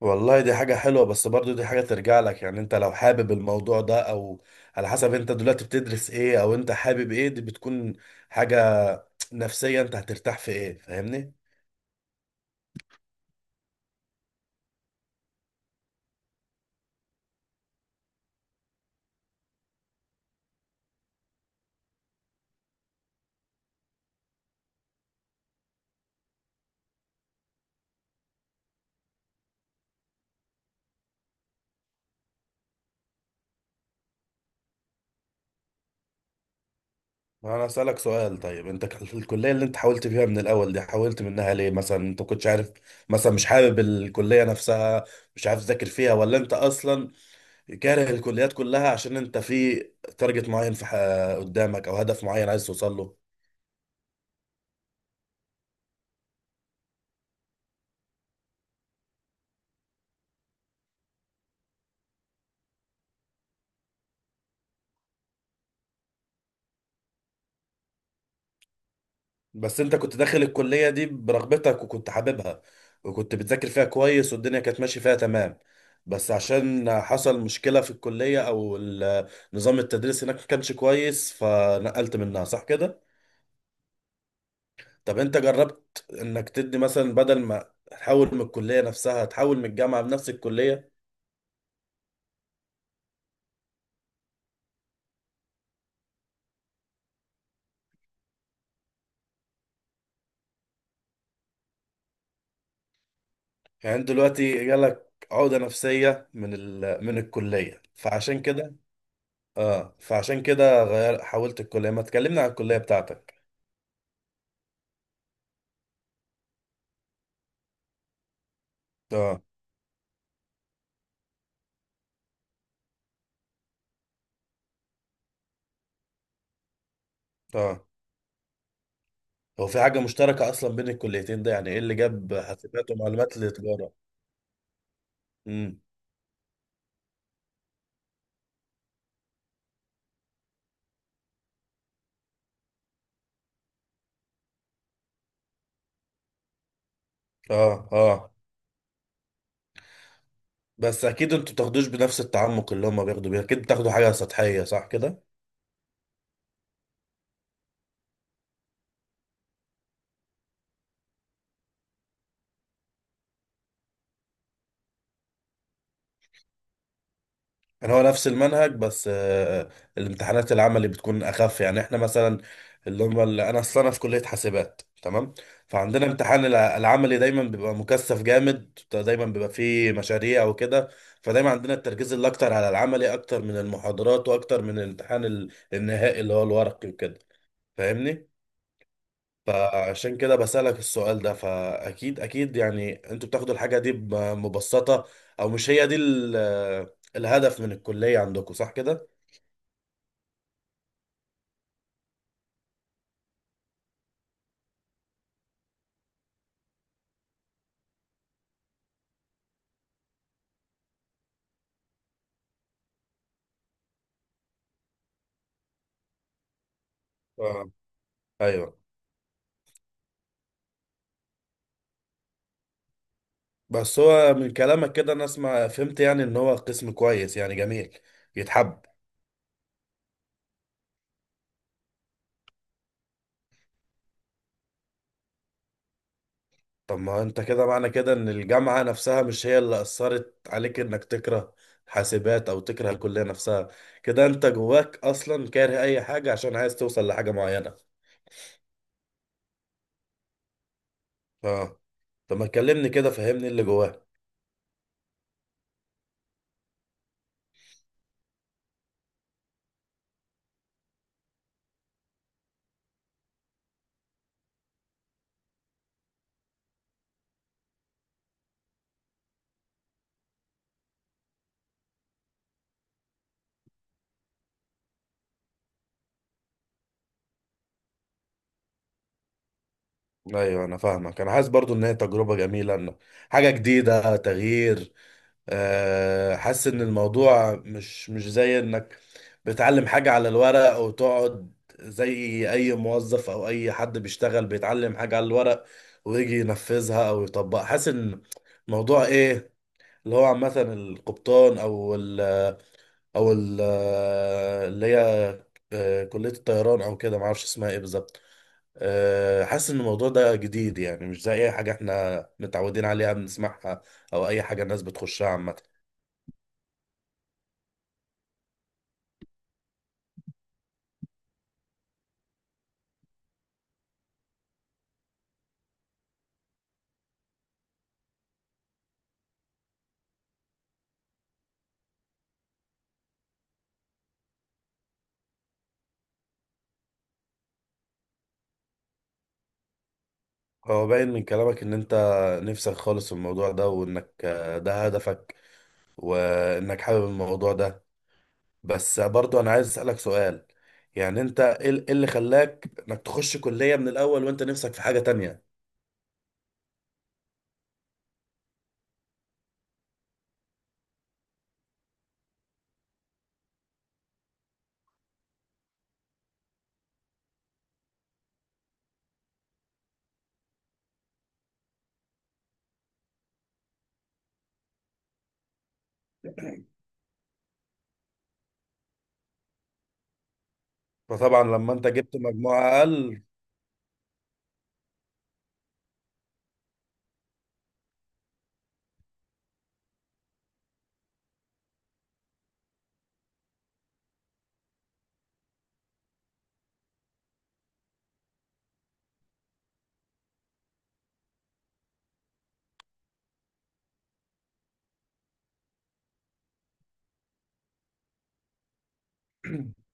والله دي حاجة حلوة، بس برضو دي حاجة ترجع لك. يعني انت لو حابب الموضوع ده او على حسب انت دلوقتي بتدرس ايه او انت حابب ايه، دي بتكون حاجة نفسية. انت هترتاح في ايه؟ فاهمني؟ ما انا اسألك سؤال. طيب انت في الكلية اللي انت حاولت فيها من الاول دي، حاولت منها ليه؟ مثلا انت كنتش عارف، مثلا مش حابب الكلية نفسها، مش عارف تذاكر فيها، ولا انت اصلا كاره الكليات كلها عشان انت في تارجت معين في قدامك او هدف معين عايز توصل له؟ بس انت كنت داخل الكلية دي برغبتك وكنت حاببها وكنت بتذاكر فيها كويس والدنيا كانت ماشية فيها تمام، بس عشان حصل مشكلة في الكلية او نظام التدريس هناك ما كانش كويس فنقلت منها، صح كده؟ طب انت جربت انك تدي مثلا بدل ما تحول من الكلية نفسها تحول من الجامعة لنفس الكلية؟ يعني انت دلوقتي جالك عقدة نفسية من الكلية، فعشان كده. اه، فعشان كده غير حولت الكلية ما تكلمنا عن الكلية بتاعتك. اه، اه. هو في حاجة مشتركة أصلا بين الكليتين ده؟ يعني إيه اللي جاب حاسبات ومعلومات لتجارة؟ امم. آه، آه. بس أكيد أنتوا بتاخدوش بنفس التعمق اللي هما بياخدوا بيه، أكيد بتاخدوا حاجة سطحية، صح كده؟ يعني هو نفس المنهج، بس الامتحانات العملي بتكون اخف. يعني احنا مثلا اللي هم اللي انا اصلا انا في كليه حاسبات، تمام. فعندنا امتحان العملي دايما بيبقى مكثف جامد، دايما بيبقى فيه مشاريع وكده. فدايما عندنا التركيز اللي اكتر على العملي اكتر من المحاضرات واكتر من الامتحان النهائي اللي هو الورقي وكده. فاهمني. فعشان كده بسألك السؤال ده، فأكيد أكيد يعني أنتوا بتاخدوا الحاجة دي بمبسطة، أو مش هي دي الهدف من الكلية عندكم، صح كده؟ اه، ايوه. بس هو من كلامك كده انا اسمع فهمت يعني ان هو قسم كويس، يعني جميل يتحب. طب ما انت كده معنى كده ان الجامعة نفسها مش هي اللي اثرت عليك انك تكره حاسبات او تكره الكلية نفسها. كده انت جواك اصلا كاره اي حاجة، عشان عايز توصل لحاجة معينة. اه. طب ما تكلمني كده، فهمني اللي جواك. ايوه انا فاهمك. انا حاسس برضو ان هي تجربة جميلة، إن حاجة جديدة، تغيير. حاسس ان الموضوع مش زي انك بتعلم حاجة على الورق، او تقعد زي اي موظف او اي حد بيشتغل بيتعلم حاجة على الورق، ويجي ينفذها او يطبقها. حاسس ان الموضوع ايه، اللي هو عامة القبطان او ال او ال آه، اللي هي كلية الطيران او كده معرفش اسمها ايه بالظبط. حاسس ان الموضوع ده جديد، يعني مش زي اي حاجة احنا متعودين عليها بنسمعها، او اي حاجة الناس بتخشها عامة. هو باين من كلامك ان انت نفسك خالص في الموضوع ده وانك ده هدفك وانك حابب الموضوع ده. بس برضو انا عايز اسألك سؤال. يعني انت ايه إيه اللي خلاك انك تخش كلية من الاول وانت نفسك في حاجة تانية؟ فطبعا لما انت جبت مجموعة اقل.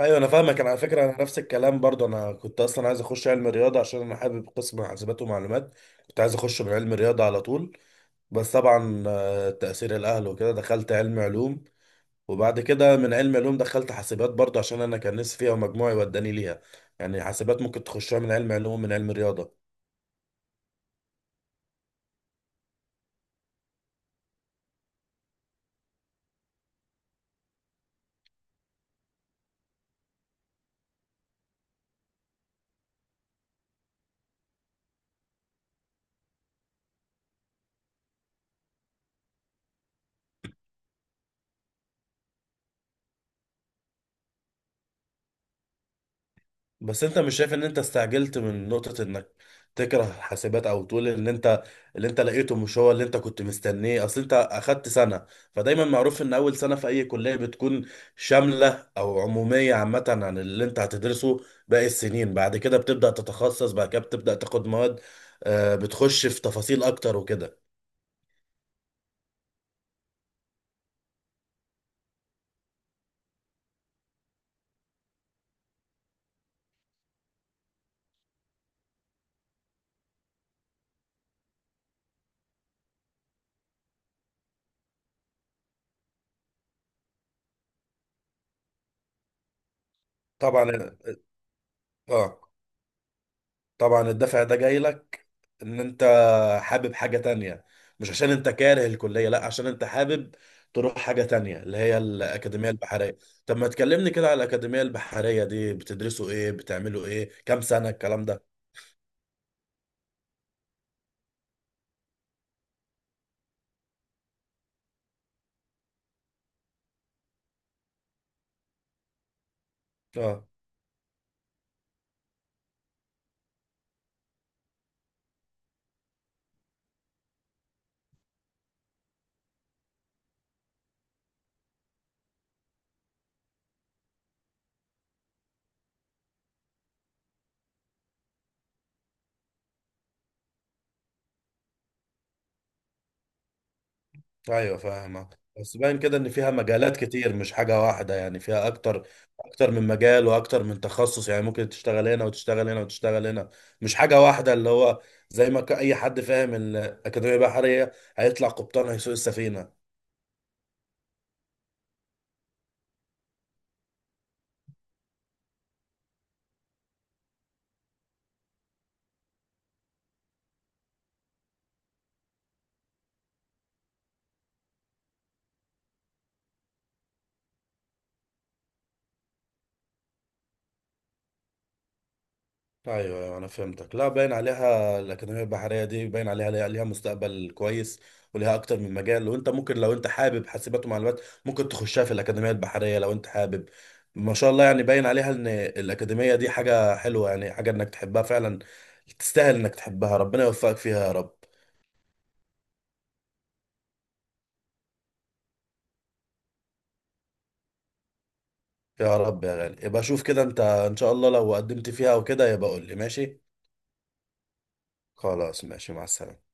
ايوه انا فاهمك. انا على فكرة انا نفس الكلام برضو. انا كنت اصلا عايز اخش علم رياضة عشان انا حابب قسم حاسبات ومعلومات. كنت عايز اخش من علم رياضة على طول، بس طبعا تأثير الاهل وكده دخلت علم علوم. وبعد كده من علم علوم دخلت حاسبات برضه عشان انا كان نفسي فيها ومجموعي وداني ليها. يعني حاسبات ممكن تخشها من علم علوم، من علم رياضة. بس انت مش شايف ان انت استعجلت من نقطة انك تكره حاسبات او تقول ان انت اللي انت لقيته مش هو اللي انت كنت مستنيه؟ اصل انت اخدت سنة، فدايما معروف ان اول سنة في اي كلية بتكون شاملة او عمومية عامة عن اللي انت هتدرسه. باقي السنين بعد كده بتبدأ تتخصص، بعد كده بتبدأ تاخد مواد بتخش في تفاصيل اكتر وكده. طبعا. اه، طبعا الدافع ده جاي لك ان انت حابب حاجة تانية، مش عشان انت كاره الكلية، لا عشان انت حابب تروح حاجة تانية اللي هي الأكاديمية البحرية. طب ما تكلمني كده على الأكاديمية البحرية دي، بتدرسوا ايه؟ بتعملوا ايه؟ كام سنة الكلام ده؟ اه، ايوه فاهمك. بس باين كده ان فيها مجالات كتير، مش حاجه واحده، يعني فيها اكتر من مجال واكتر من تخصص. يعني ممكن تشتغل هنا وتشتغل هنا وتشتغل هنا، مش حاجه واحده اللي هو زي ما اي حد فاهم الاكاديميه البحريه هيطلع قبطان هيسوق السفينه. ايوه، ايوه انا فهمتك. لا باين عليها الاكاديميه البحريه دي، باين عليها ليها مستقبل كويس وليها اكتر من مجال. وانت ممكن لو انت حابب حاسبات ومعلومات ممكن تخشها في الاكاديميه البحريه لو انت حابب. ما شاء الله، يعني باين عليها ان الاكاديميه دي حاجه حلوه، يعني حاجه انك تحبها فعلا، تستاهل انك تحبها. ربنا يوفقك فيها يا رب. يا رب يا غالي، يبقى شوف كده انت، ان شاء الله لو قدمت فيها او كده يبقى قول لي، ماشي؟ خلاص ماشي، مع السلامه.